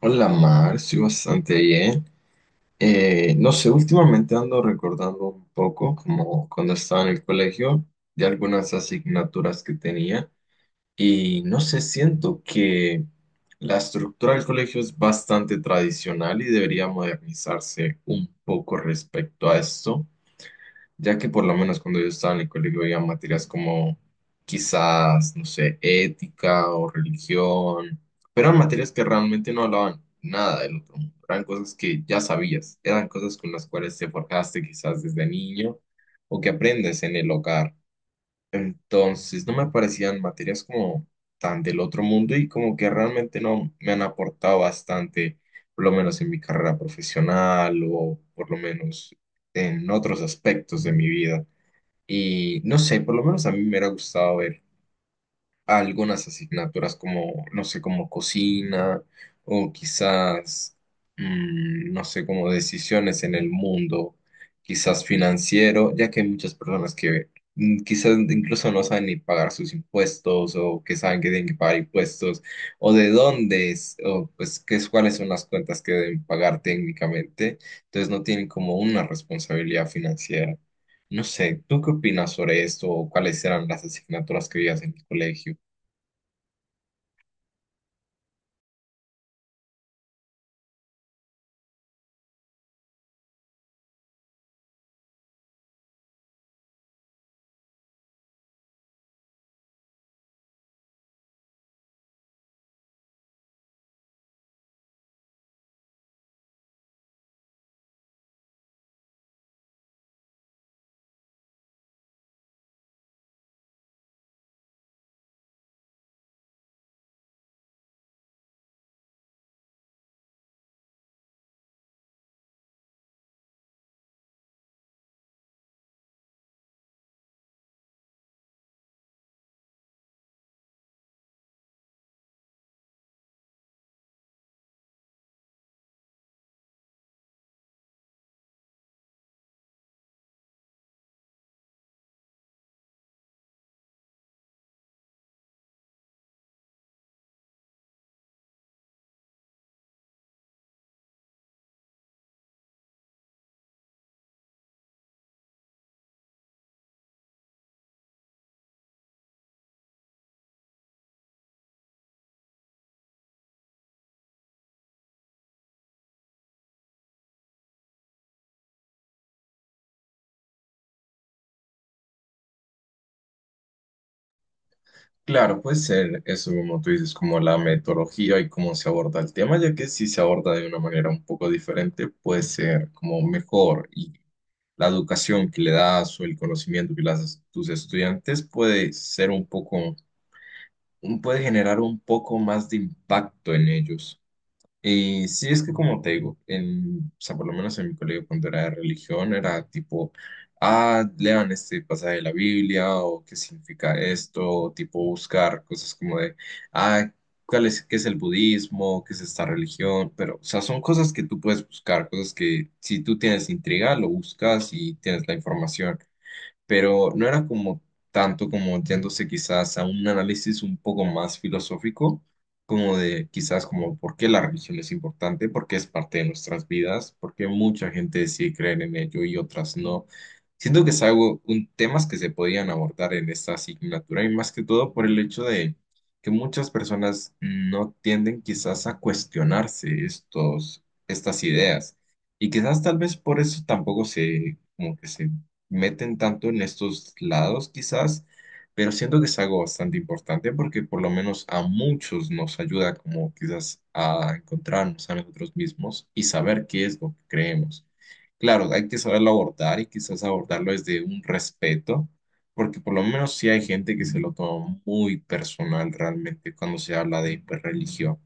Hola Mar, estoy bastante bien. No sé, últimamente ando recordando un poco como cuando estaba en el colegio de algunas asignaturas que tenía y no sé, siento que la estructura del colegio es bastante tradicional y debería modernizarse un poco respecto a esto, ya que por lo menos cuando yo estaba en el colegio había materias como quizás, no sé, ética o religión, pero eran materias que realmente no hablaban nada del otro mundo, eran cosas que ya sabías, eran cosas con las cuales te forjaste quizás desde niño o que aprendes en el hogar. Entonces, no me parecían materias como tan del otro mundo y como que realmente no me han aportado bastante, por lo menos en mi carrera profesional o por lo menos en otros aspectos de mi vida. Y no sé, por lo menos a mí me hubiera gustado ver a algunas asignaturas como, no sé, como cocina o quizás, no sé, como decisiones en el mundo, quizás financiero, ya que hay muchas personas que quizás incluso no saben ni pagar sus impuestos o que saben que tienen que pagar impuestos o de dónde es, o pues cuáles son las cuentas que deben pagar técnicamente, entonces no tienen como una responsabilidad financiera. No sé, ¿tú qué opinas sobre esto o cuáles eran las asignaturas que veías en el colegio? Claro, puede ser eso como tú dices, como la metodología y cómo se aborda el tema, ya que si se aborda de una manera un poco diferente, puede ser como mejor y la educación que le das o el conocimiento que le das a tus estudiantes puede ser un poco, puede generar un poco más de impacto en ellos. Y sí, es que como te digo, o sea, por lo menos en mi colegio cuando era de religión, era tipo, ah, lean este pasaje de la Biblia o qué significa esto, o tipo buscar cosas como de, ah, ¿cuál es, qué es el budismo, qué es esta religión? Pero, o sea, son cosas que tú puedes buscar, cosas que si tú tienes intriga, lo buscas y tienes la información, pero no era como tanto como yéndose quizás a un análisis un poco más filosófico, como de quizás como por qué la religión es importante, por qué es parte de nuestras vidas, por qué mucha gente decide creer en ello y otras no. Siento que es algo, temas que se podían abordar en esta asignatura y más que todo por el hecho de que muchas personas no tienden quizás a cuestionarse estas ideas. Y quizás tal vez por eso tampoco como que se meten tanto en estos lados quizás, pero siento que es algo bastante importante porque por lo menos a muchos nos ayuda como quizás a encontrarnos a nosotros mismos y saber qué es lo que creemos. Claro, hay que saberlo abordar y quizás abordarlo desde un respeto, porque por lo menos sí hay gente que se lo toma muy personal realmente cuando se habla de pues, religión.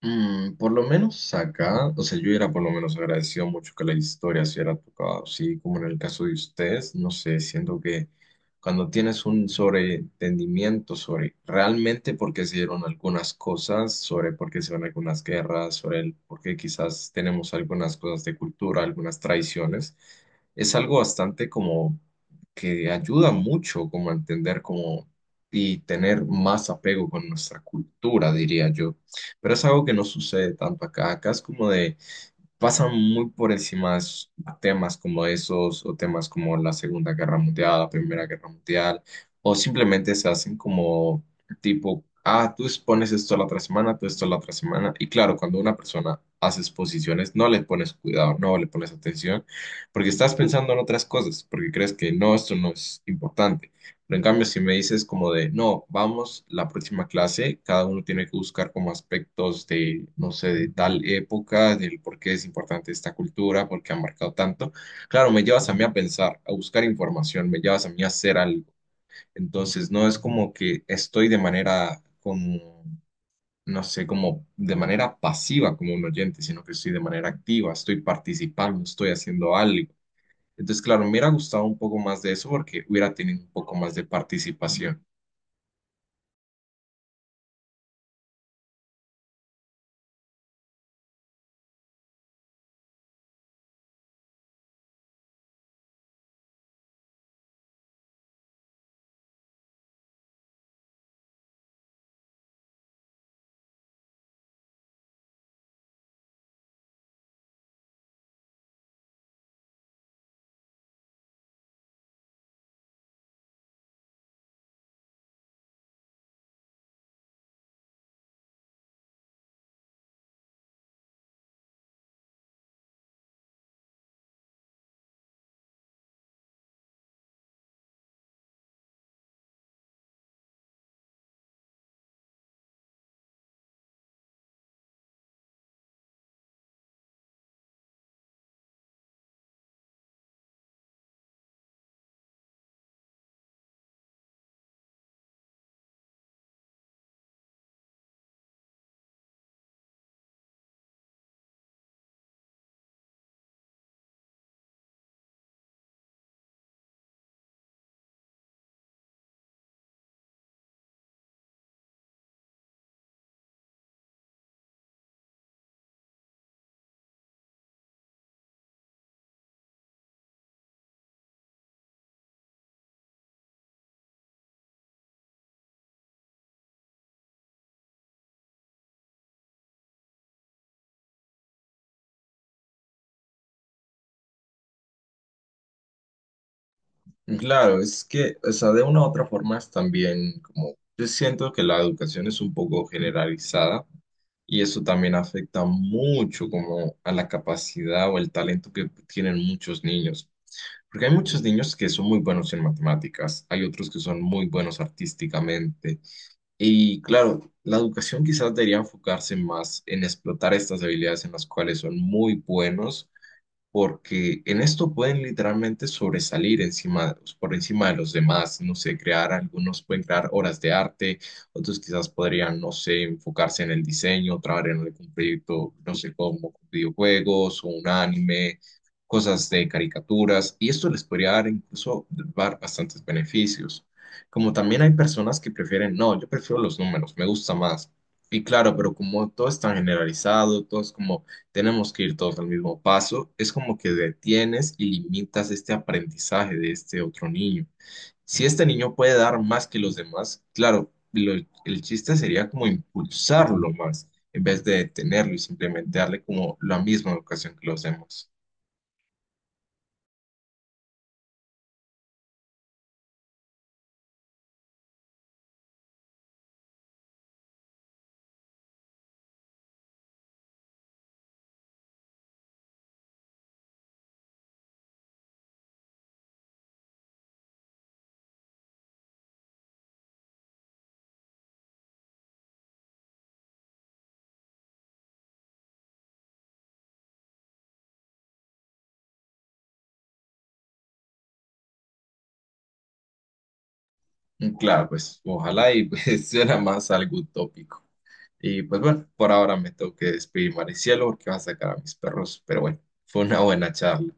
Mm, por lo menos acá, o sea, yo era por lo menos agradecido mucho que la historia se hubiera tocado, así como en el caso de ustedes, no sé, siento que cuando tienes un sobreentendimiento sobre realmente por qué se dieron algunas cosas, sobre por qué se van algunas guerras, sobre el por qué quizás tenemos algunas cosas de cultura, algunas tradiciones, es algo bastante como que ayuda mucho como a entender como y tener más apego con nuestra cultura, diría yo. Pero es algo que no sucede tanto acá. Acá es como de, pasan muy por encima de esos temas como esos, o temas como la Segunda Guerra Mundial, la Primera Guerra Mundial, o simplemente se hacen como tipo, ah, tú expones esto la otra semana, tú esto la otra semana. Y claro, cuando una persona hace exposiciones, no le pones cuidado, no le pones atención, porque estás pensando en otras cosas, porque crees que no, esto no es importante. Pero en cambio, si me dices como de, no, vamos, la próxima clase, cada uno tiene que buscar como aspectos de, no sé, de tal época, del por qué es importante esta cultura, por qué ha marcado tanto. Claro, me llevas a mí a pensar, a buscar información, me llevas a mí a hacer algo. Entonces, no es como que estoy de manera, como, no sé, como de manera pasiva como un oyente, sino que estoy de manera activa, estoy participando, estoy haciendo algo. Entonces, claro, me hubiera gustado un poco más de eso porque hubiera tenido un poco más de participación. Claro, es que, o sea, de una u otra forma es también como, yo siento que la educación es un poco generalizada y eso también afecta mucho como a la capacidad o el talento que tienen muchos niños. Porque hay muchos niños que son muy buenos en matemáticas, hay otros que son muy buenos artísticamente. Y claro, la educación quizás debería enfocarse más en explotar estas habilidades en las cuales son muy buenos, porque en esto pueden literalmente sobresalir encima, por encima de los demás, no sé, crear, algunos pueden crear obras de arte, otros quizás podrían, no sé, enfocarse en el diseño, trabajar en algún proyecto, no sé, como videojuegos o un anime, cosas de caricaturas, y esto les podría dar incluso dar bastantes beneficios. Como también hay personas que prefieren, no, yo prefiero los números, me gusta más. Y claro, pero como todo es tan generalizado, todo es como tenemos que ir todos al mismo paso, es como que detienes y limitas este aprendizaje de este otro niño. Si este niño puede dar más que los demás, el chiste sería como impulsarlo más, en vez de detenerlo y simplemente darle como la misma educación que los demás. Y claro, pues ojalá y pues, suena más algo utópico. Y pues bueno, por ahora me tengo que despedir, Maricielo, porque va a sacar a mis perros, pero bueno, fue una buena charla.